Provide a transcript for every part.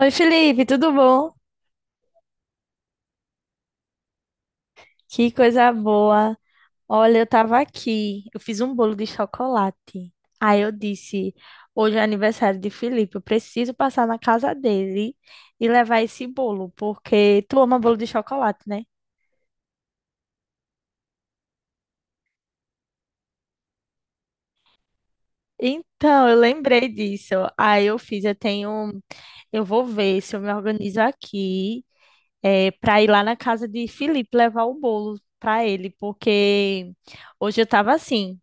Oi, Felipe, tudo bom? Que coisa boa. Olha, eu tava aqui, eu fiz um bolo de chocolate. Aí eu disse, hoje é aniversário de Felipe, eu preciso passar na casa dele e levar esse bolo, porque tu ama bolo de chocolate, né? Então, eu lembrei disso. Aí eu fiz, eu tenho, eu vou ver se eu me organizo aqui, para ir lá na casa de Felipe levar o bolo para ele, porque hoje eu tava assim,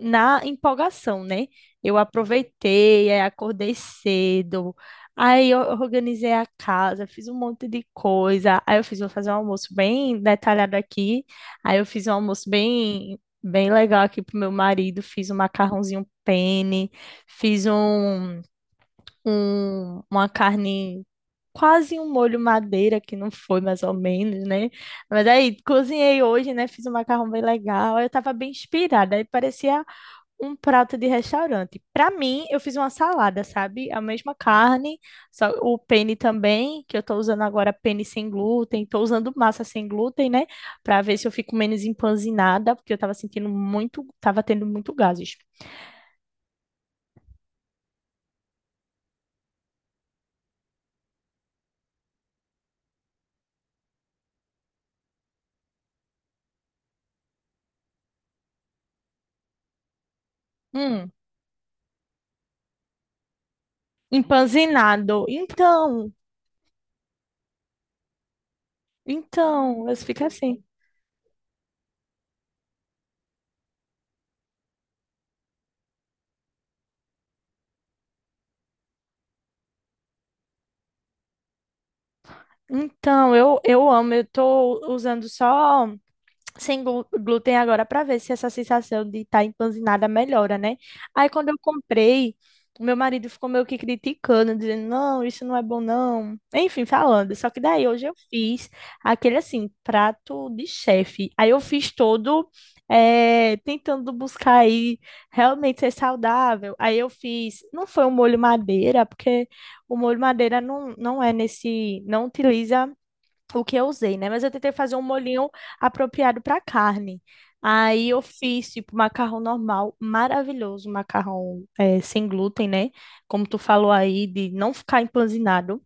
na empolgação, né? Eu aproveitei, aí acordei cedo, aí eu organizei a casa, fiz um monte de coisa. Vou fazer um almoço bem detalhado aqui. Aí eu fiz um almoço bem, bem legal aqui pro meu marido, fiz um macarrãozinho penne, fiz uma carne. Quase um molho madeira, que não foi mais ou menos, né? Mas aí cozinhei hoje, né? Fiz um macarrão bem legal. Aí eu tava bem inspirada. Aí parecia um prato de restaurante. Para mim, eu fiz uma salada, sabe? A mesma carne, só o penne também, que eu tô usando agora penne sem glúten, tô usando massa sem glúten, né? Para ver se eu fico menos empanzinada, porque eu tava sentindo muito, tava tendo muito gases. Hum, empanzinado. Então, eu fico assim. Então, eu amo, eu tô usando só sem glúten agora para ver se essa sensação de estar empanzinada melhora, né? Aí quando eu comprei, o meu marido ficou meio que criticando, dizendo, não, isso não é bom, não. Enfim, falando. Só que daí hoje eu fiz aquele assim, prato de chefe. Aí eu fiz todo tentando buscar aí realmente ser saudável. Aí eu fiz, não foi um molho madeira, porque o molho madeira não é nesse, não utiliza o que eu usei, né? Mas eu tentei fazer um molhinho apropriado para carne. Aí eu fiz, tipo, macarrão normal, maravilhoso, macarrão sem glúten, né? Como tu falou aí, de não ficar empanzinado.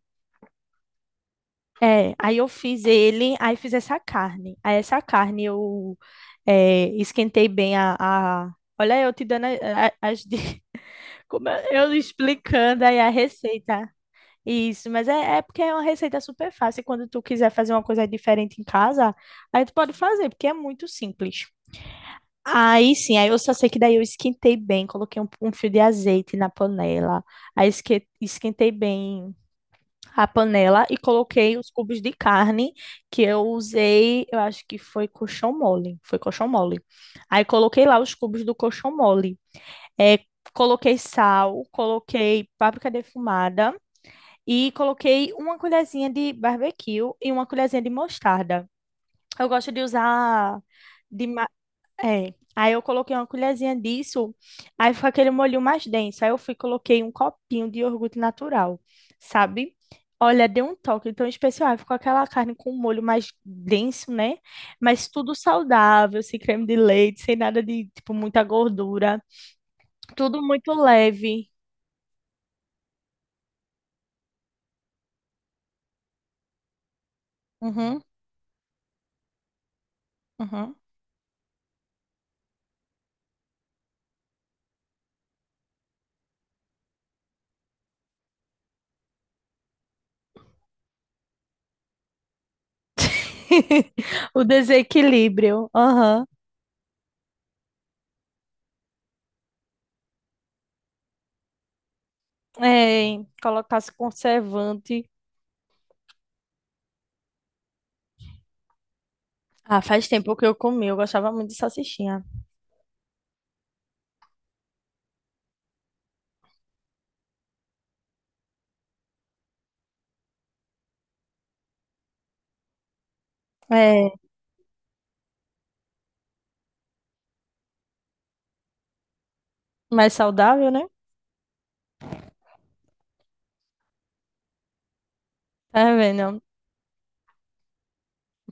É, aí eu fiz ele, aí fiz essa carne. Aí essa carne eu esquentei bem. Olha, eu te dando. Eu explicando aí a receita. Isso, mas é porque é uma receita super fácil, e quando tu quiser fazer uma coisa diferente em casa, aí tu pode fazer, porque é muito simples. Aí sim, aí eu só sei que daí eu esquentei bem, coloquei um fio de azeite na panela, aí esquentei bem a panela e coloquei os cubos de carne que eu usei, eu acho que foi colchão mole, foi colchão mole. Aí coloquei lá os cubos do colchão mole. É, coloquei sal, coloquei páprica defumada e coloquei uma colherzinha de barbecue e uma colherzinha de mostarda. Eu gosto de usar de ma- é. Aí eu coloquei uma colherzinha disso, aí ficou aquele molho mais denso. Aí eu fui e coloquei um copinho de iogurte natural, sabe? Olha, deu um toque tão especial. Aí ficou aquela carne com um molho mais denso, né? Mas tudo saudável, sem creme de leite, sem nada de, tipo, muita gordura. Tudo muito leve. Uhum, uhum. O desequilíbrio. Aham. É, colocasse conservante. Ah, faz tempo que eu comi, eu gostava muito de salsichinha. É, mais saudável, né? Tá vendo?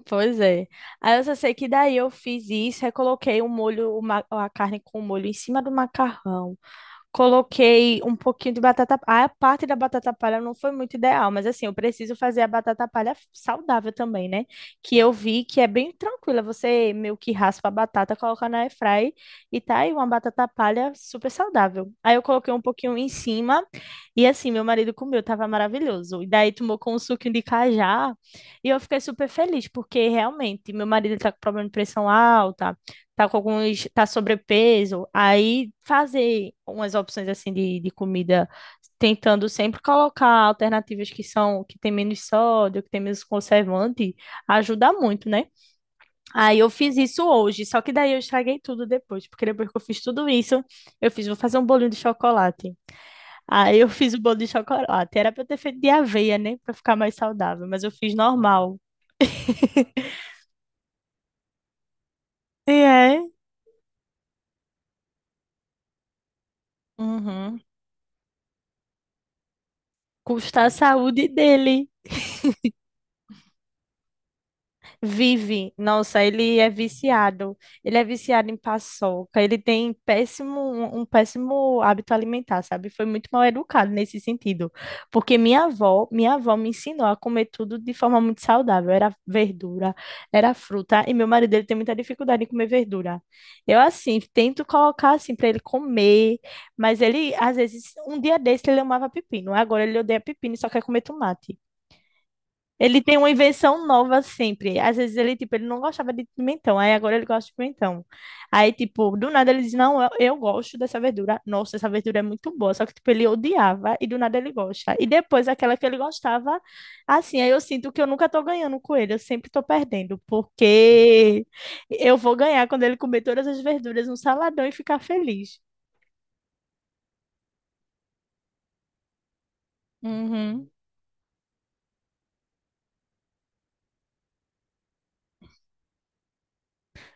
Pois é. Aí eu só sei que daí eu fiz isso, aí coloquei o molho, a carne com o molho em cima do macarrão. Coloquei um pouquinho de batata. Ah, a parte da batata palha não foi muito ideal, mas assim, eu preciso fazer a batata palha saudável também, né? Que eu vi que é bem tranquila. Você meio que raspa a batata, coloca na airfry e tá aí uma batata palha super saudável. Aí eu coloquei um pouquinho em cima e assim, meu marido comeu, tava maravilhoso. E daí tomou com um suquinho de cajá e eu fiquei super feliz, porque realmente meu marido tá com problema de pressão alta, tá com alguns, tá sobrepeso, aí fazer umas opções assim de comida, tentando sempre colocar alternativas que são, que tem menos sódio, que tem menos conservante, ajuda muito, né? Aí eu fiz isso hoje, só que daí eu estraguei tudo depois, porque depois que eu fiz tudo isso, vou fazer um bolinho de chocolate. Aí eu fiz o bolo de chocolate, era pra eu ter feito de aveia, né, pra ficar mais saudável, mas eu fiz normal. E é, uhum. Custa a saúde dele. Vive, nossa, ele é viciado. Ele é viciado em paçoca. Ele tem péssimo, um péssimo hábito alimentar, sabe? Foi muito mal educado nesse sentido. Porque minha avó me ensinou a comer tudo de forma muito saudável. Era verdura, era fruta. E meu marido, ele tem muita dificuldade em comer verdura. Eu, assim, tento colocar, assim, para ele comer. Mas ele, às vezes, um dia desse ele amava pepino. Agora ele odeia pepino e só quer comer tomate. Ele tem uma invenção nova sempre. Às vezes ele, tipo, ele não gostava de pimentão, aí agora ele gosta de pimentão. Aí, tipo, do nada ele diz, não, eu gosto dessa verdura. Nossa, essa verdura é muito boa. Só que, tipo, ele odiava e do nada ele gosta. E depois aquela que ele gostava, assim, aí eu sinto que eu nunca tô ganhando com ele, eu sempre tô perdendo, porque eu vou ganhar quando ele comer todas as verduras no saladão e ficar feliz. Uhum.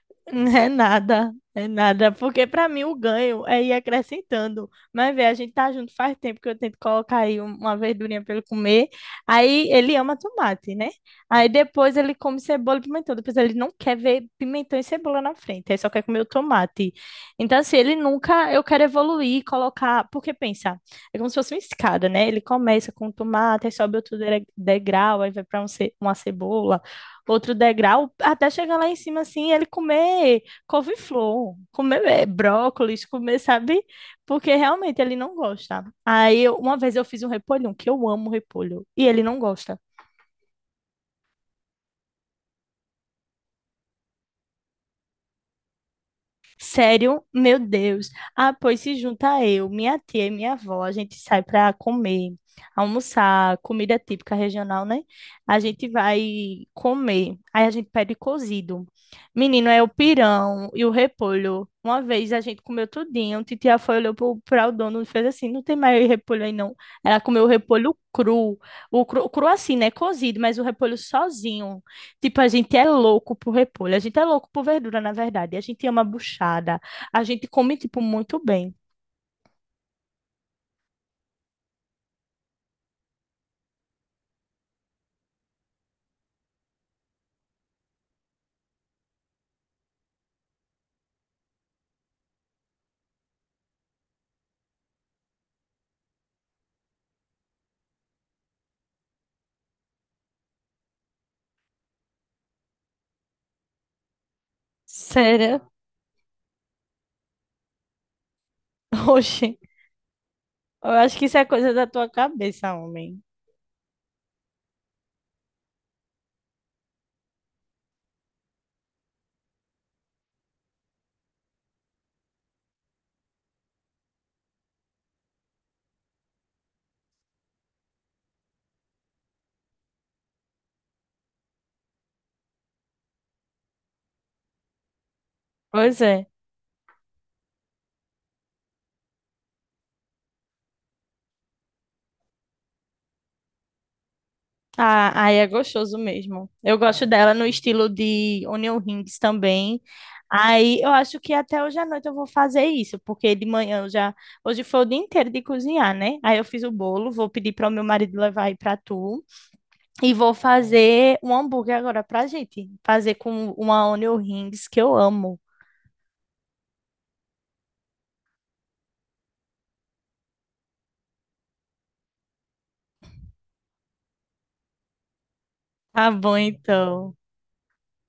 É nada, porque para mim o ganho é ir acrescentando. Mas vê, a gente tá junto faz tempo que eu tento colocar aí uma verdurinha para ele comer. Aí ele ama tomate, né? Aí depois ele come cebola e pimentão, depois ele não quer ver pimentão e cebola na frente, ele só quer comer o tomate. Então assim, ele nunca, eu quero evoluir, colocar, porque pensa, é como se fosse uma escada, né? Ele começa com o tomate, aí sobe outro degrau, aí vai para uma cebola, outro degrau, até chegar lá em cima, assim, ele comer couve-flor, comer brócolis, comer, sabe? Porque realmente ele não gosta. Aí, uma vez eu fiz um repolho, um que eu amo repolho, e ele não gosta. Sério? Meu Deus. Ah, pois se junta eu, minha tia e minha avó, a gente sai para comer, almoçar, comida típica regional, né? A gente vai comer. Aí a gente pede cozido. Menino, é o pirão e o repolho. Uma vez a gente comeu tudinho, titia foi, olhou para o dono e fez assim, não tem mais repolho aí não. Ela comeu o repolho cru, o cru, cru assim, né? Cozido, mas o repolho sozinho. Tipo, a gente é louco por repolho, a gente é louco por verdura, na verdade. A gente ama buchada, a gente come, tipo, muito bem. Sério? Oxe, eu acho que isso é coisa da tua cabeça, homem. Pois é. Ah, aí é gostoso mesmo. Eu gosto dela no estilo de onion rings também. Aí eu acho que até hoje à noite eu vou fazer isso, porque de manhã eu já. Hoje foi o dia inteiro de cozinhar, né? Aí eu fiz o bolo, vou pedir para o meu marido levar aí para tu. E vou fazer um hambúrguer agora pra gente. Fazer com uma onion rings que eu amo. Tá bom então.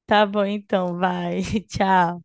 Tá bom então, vai. Tchau.